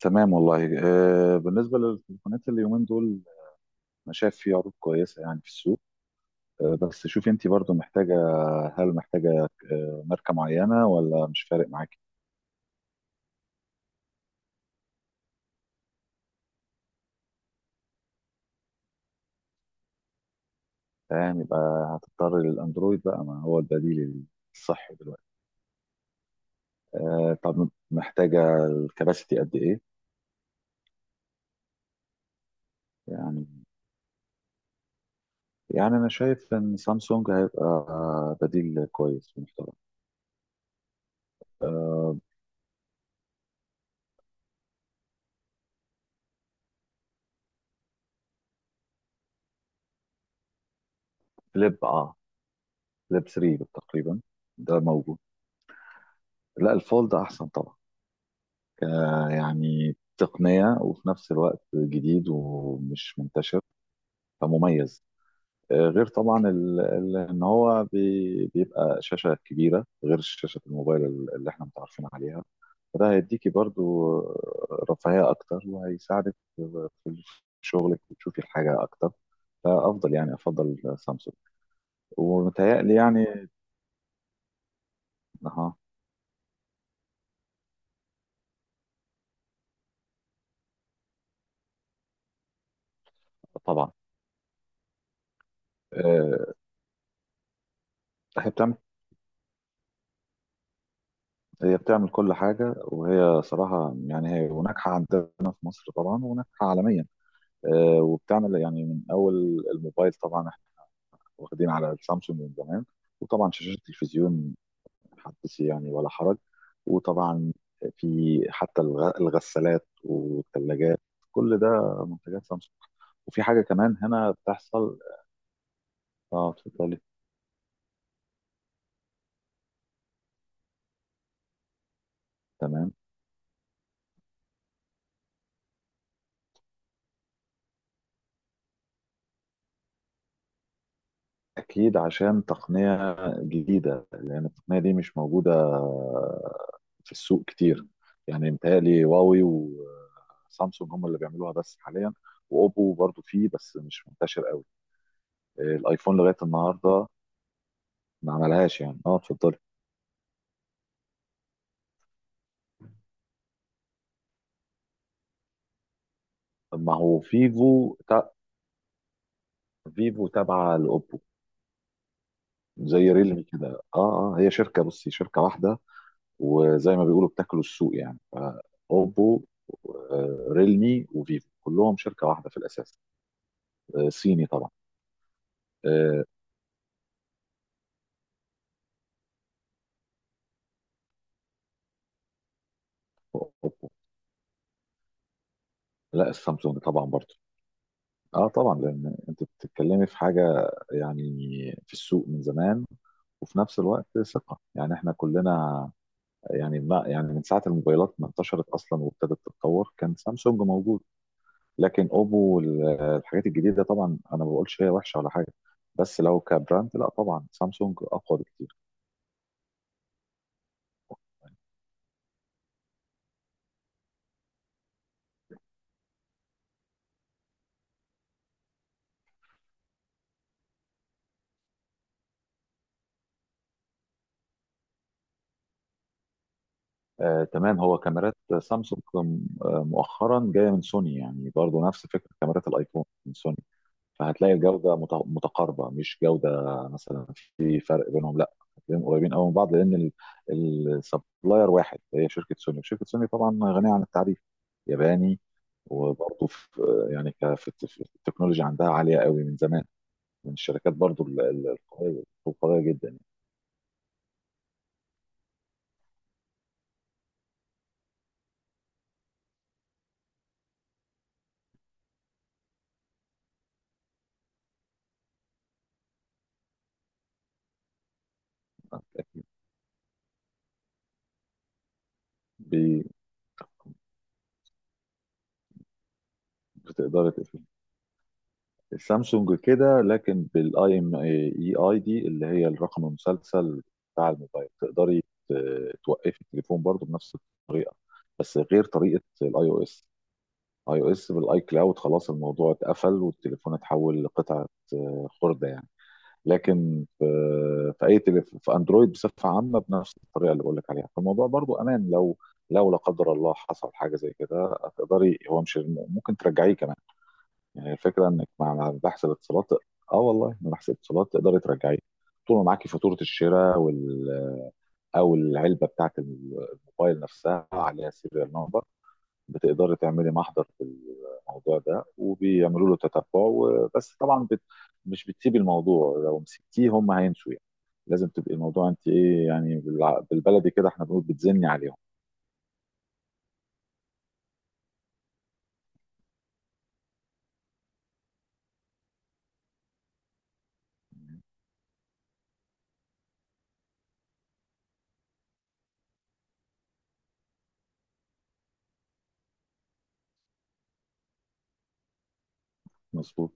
تمام والله بالنسبة للتليفونات اليومين دول، أنا شايف في عروض كويسة يعني في السوق. بس شوفي أنت برضو محتاجة. هل محتاجة ماركة معينة ولا مش فارق معاكي؟ فاهم، يبقى هتضطري للأندرويد بقى، ما هو البديل الصحي دلوقتي. طب محتاجة الكباسيتي قد إيه؟ يعني يعني أنا شايف إن سامسونج هيبقى بديل كويس ومحترم. آه، فليب اه فليب 3 تقريبا، ده موجود. لا، الفولد أحسن طبعا، ك- يعني تقنية وفي نفس الوقت جديد ومش منتشر، فمميز. غير طبعا ان هو بيبقى شاشة كبيرة، غير شاشة الموبايل اللي احنا متعرفين عليها، فده هيديكي برضو رفاهية اكتر، وهيساعدك في شغلك، وتشوفي الحاجة اكتر. فافضل يعني افضل سامسونج. ومتهيألي يعني. اه طبعا. آه، هي بتعمل هي بتعمل كل حاجة، وهي صراحة يعني هي وناجحة عندنا في مصر طبعا، وناجحة عالميا. وبتعمل يعني من أول الموبايل، طبعا احنا واخدين على السامسونج من زمان، وطبعا شاشات التلفزيون حدثي يعني ولا حرج، وطبعا في حتى الغسالات والثلاجات، كل ده منتجات سامسونج. وفي حاجة كمان هنا بتحصل. اه، اتفضلي. تمام. أكيد عشان تقنية جديدة، الأغنية دي مش موجودة في السوق كتير، يعني متهيألي هواوي وسامسونج هم اللي بيعملوها بس حاليا، وأوبو برضو فيه بس مش منتشر قوي. الآيفون لغاية النهاردة ما عملهاش يعني. اه، اتفضلي. طب ما هو فيفو تابعة لأوبو، زي ريلمي كده. اه، اه، هي شركة، بصي شركة واحدة، وزي ما بيقولوا بتاكلوا السوق يعني. أوبو، ريلمي، وفيفو كلهم شركة واحدة في الأساس، صيني طبعا. آه، لا، السامسونج طبعا برضه. اه طبعا، لان انت بتتكلمي في حاجه يعني في السوق من زمان، وفي نفس الوقت ثقه، يعني احنا كلنا يعني، ما يعني من ساعه الموبايلات ما انتشرت اصلا وابتدت تتطور كان سامسونج موجود. لكن اوبو والحاجات الجديده طبعا، انا ما بقولش هي وحشه ولا حاجه، بس لو كبراند لا، طبعا سامسونج اقوى بكتير. آه تمام. هو كاميرات سامسونج مؤخرا جايه من سوني، يعني برضه نفس فكره كاميرات الايفون من سوني، فهتلاقي الجودة متقاربة. مش جودة مثلا في فرق بينهم، لا هتلاقيهم قريبين قوي من بعض، لأن السبلاير واحد، هي شركة سوني، وشركة سوني طبعا غنية عن التعريف، ياباني. وبرضه في يعني في في التكنولوجيا عندها عالية قوي من زمان، من الشركات برضه القوية القوية جدا. يعني أكيد. بي- بتقدر تقفل السامسونج كده، لكن بالاي ام اي اي دي اللي هي الرقم المسلسل بتاع الموبايل، تقدري توقفي التليفون برضه بنفس، بس غير طريقه الاي او اس. اي او اس بالاي كلاود خلاص الموضوع اتقفل، والتليفون اتحول لقطعه خرده يعني. لكن في، في اي تليفون في اندرويد بصفه عامه بنفس الطريقه اللي بقول لك عليها، فالموضوع برضو امان. لو لا قدر الله حصل حاجه زي كده، هتقدري، هو مش ممكن ترجعيه كمان؟ يعني الفكره انك مع بحث الاتصالات. اه والله، مع بحث الاتصالات تقدري ترجعيه، طول ما معاكي فاتوره الشراء او العلبه بتاعت الموبايل نفسها، عليها سيريال نمبر، بتقدري تعملي محضر في الموضوع ده وبيعملوا له تتبع. بس طبعا مش بتسيبي الموضوع، لو مسكتيه هم هينسوا يعني، لازم تبقي الموضوع انت ايه يعني، بالبلدي كده احنا بنقول بتزني عليهم. مظبوط.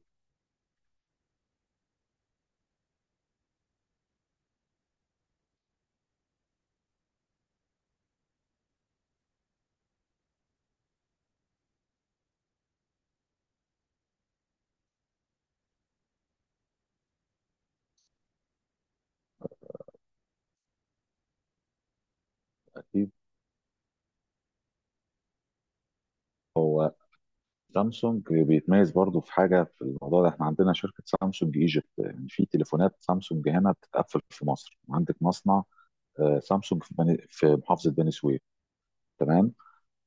اكيد. هو سامسونج بيتميز برضو في حاجه في الموضوع ده، احنا عندنا شركه سامسونج ايجيبت، يعني في تليفونات سامسونج هنا بتتقفل في مصر، عندك مصنع سامسونج في محافظه بني سويف، تمام؟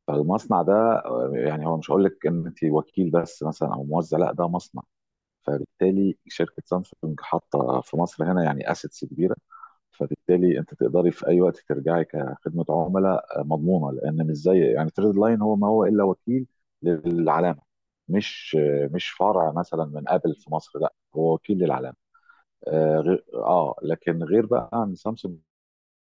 فالمصنع ده يعني هو مش هقول لك ان انت وكيل بس مثلا او موزع، لا ده مصنع. فبالتالي شركه سامسونج حاطه في مصر هنا يعني اسيتس كبيره، فبالتالي انت تقدري في اي وقت ترجعي كخدمه عملاء مضمونه. لان مش زي يعني تريد لاين، هو ما هو الا وكيل للعلامه، مش فرع مثلا من ابل في مصر، لا هو وكيل للعلامه. اه. لكن غير بقى عن سامسونج،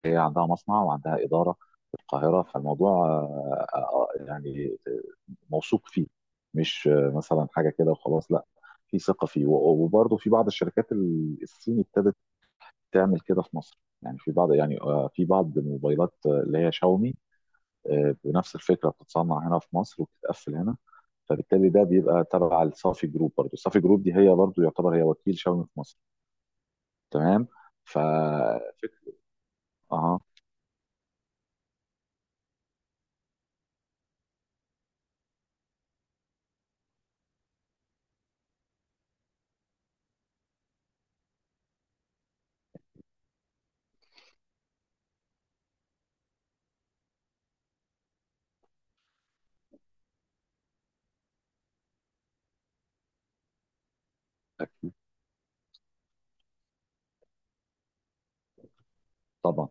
هي عندها مصنع وعندها إدارة في القاهرة، فالموضوع يعني موثوق فيه، مش مثلا حاجة كده وخلاص، لا في ثقة فيه. وبرضه في بعض الشركات الصيني ابتدت تعمل كده في مصر، يعني في بعض يعني في بعض الموبايلات اللي هي شاومي، بنفس الفكرة بتتصنع هنا في مصر وبتتقفل هنا، فبالتالي ده بيبقى تبع الصافي جروب برضه، الصافي جروب دي هي برضه يعتبر هي وكيل شاومي في مصر، تمام؟ ففكرة. اه. اكيد طبعا.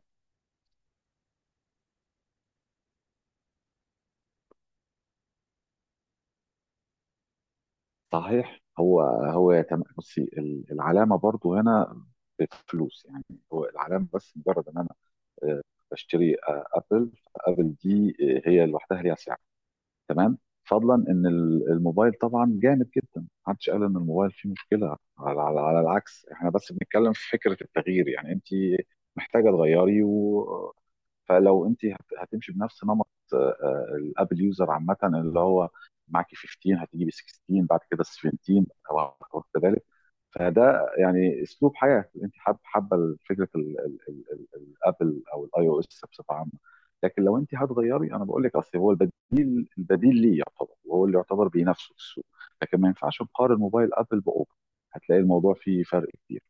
صحيح. بصي العلامه برضو هنا بفلوس يعني، هو العلامه بس، مجرد ان انا آه، بشتري ابل، ابل دي هي لوحدها ليها سعر، تمام؟ فضلا ان الموبايل طبعا جامد جدا، محدش قال ان الموبايل فيه مشكله، على, على العكس، احنا بس بنتكلم في فكره التغيير، يعني انت محتاجه تغيري، و... فلو انت هتمشي بنفس نمط آه، الابل يوزر عامه، اللي هو معاكي 15 هتجيبي 16، بعد كده 17، وكذلك، فده يعني اسلوب حياه، انت حابه، فكره الابل او الاي او اس بصفه عامه. لكن لو انت هتغيري، انا بقول لك اصل هو البديل، ليه يعتبر، وهو اللي يعتبر بينافسه في السوق، لكن ما ينفعش نقارن موبايل ابل باوبو، هتلاقي الموضوع فيه فرق كبير.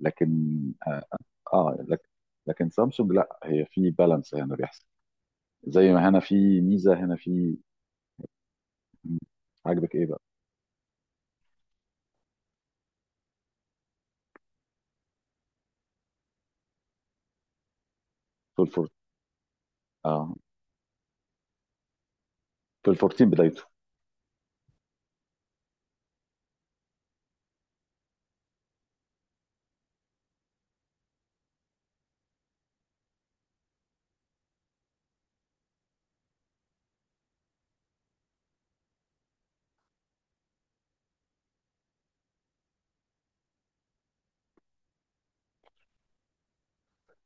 لكن اه, آه لكن لكن سامسونج لا، هي في بالانس، هنا بيحصل زي ما هنا في ميزه هنا في. مم. عاجبك ايه بقى؟ في الفور اه في الفورتين بدايته.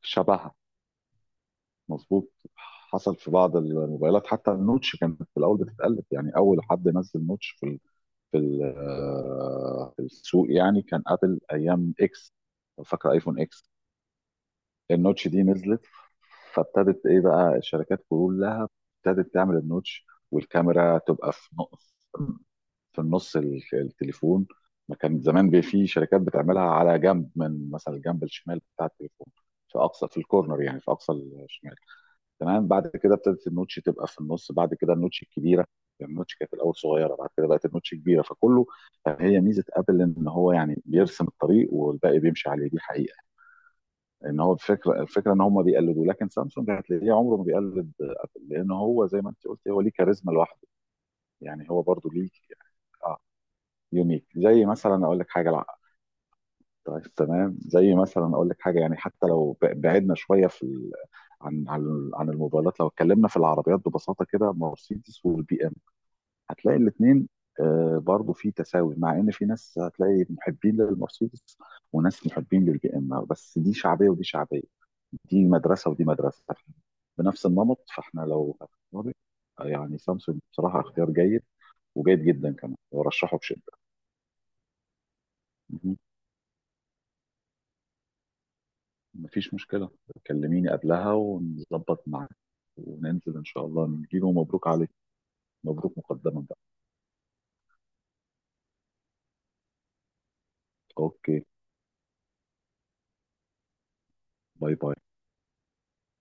شبهها. مظبوط. حصل في بعض الموبايلات، حتى النوتش كانت في الاول بتتقلب، يعني اول حد نزل نوتش في في السوق يعني، كان ابل ايام اكس، لو فاكره ايفون اكس. النوتش دي نزلت، فابتدت ايه بقى الشركات كلها، ابتدت تعمل النوتش، والكاميرا تبقى في نقص، في النص التليفون، ما كان زمان في شركات بتعملها على جنب، من مثلا الجنب الشمال بتاع التليفون، في اقصى، في الكورنر يعني في اقصى الشمال، تمام. بعد كده ابتدت النوتش تبقى في النص، بعد كده النوتش الكبيره، يعني النوتش كانت الاول صغيره، بعد كده بقت النوتش كبيره، فكله. هي ميزه ابل، ان هو يعني بيرسم الطريق والباقي بيمشي عليه، دي حقيقه. ان هو الفكره، ان هم بيقلدوا. لكن سامسونج هتلاقيه عمره ما بيقلد ابل، لان هو زي ما انت قلت، هو ليه كاريزما لوحده، يعني هو برضو ليه، اه، يونيك، زي مثلا اقول لك حاجه. طيب تمام، زي مثلا اقول لك حاجه يعني، حتى لو بعدنا شويه في ال... عن الموبايلات، لو اتكلمنا في العربيات ببساطه كده، مرسيدس والبي ام، هتلاقي الاثنين برضو في تساوي، مع ان في ناس هتلاقي محبين للمرسيدس، وناس محبين للبي ام، بس دي شعبيه ودي شعبيه، دي مدرسه ودي مدرسه، بنفس النمط. فاحنا لو هنختار، يعني سامسونج بصراحه اختيار جيد، وجيد جدا كمان، ورشحه بشده. مفيش مشكلة، كلميني قبلها ونظبط معاك، وننزل إن شاء الله نجيبه، مبروك عليك. مبروك مقدما بقى. أوكي. باي باي.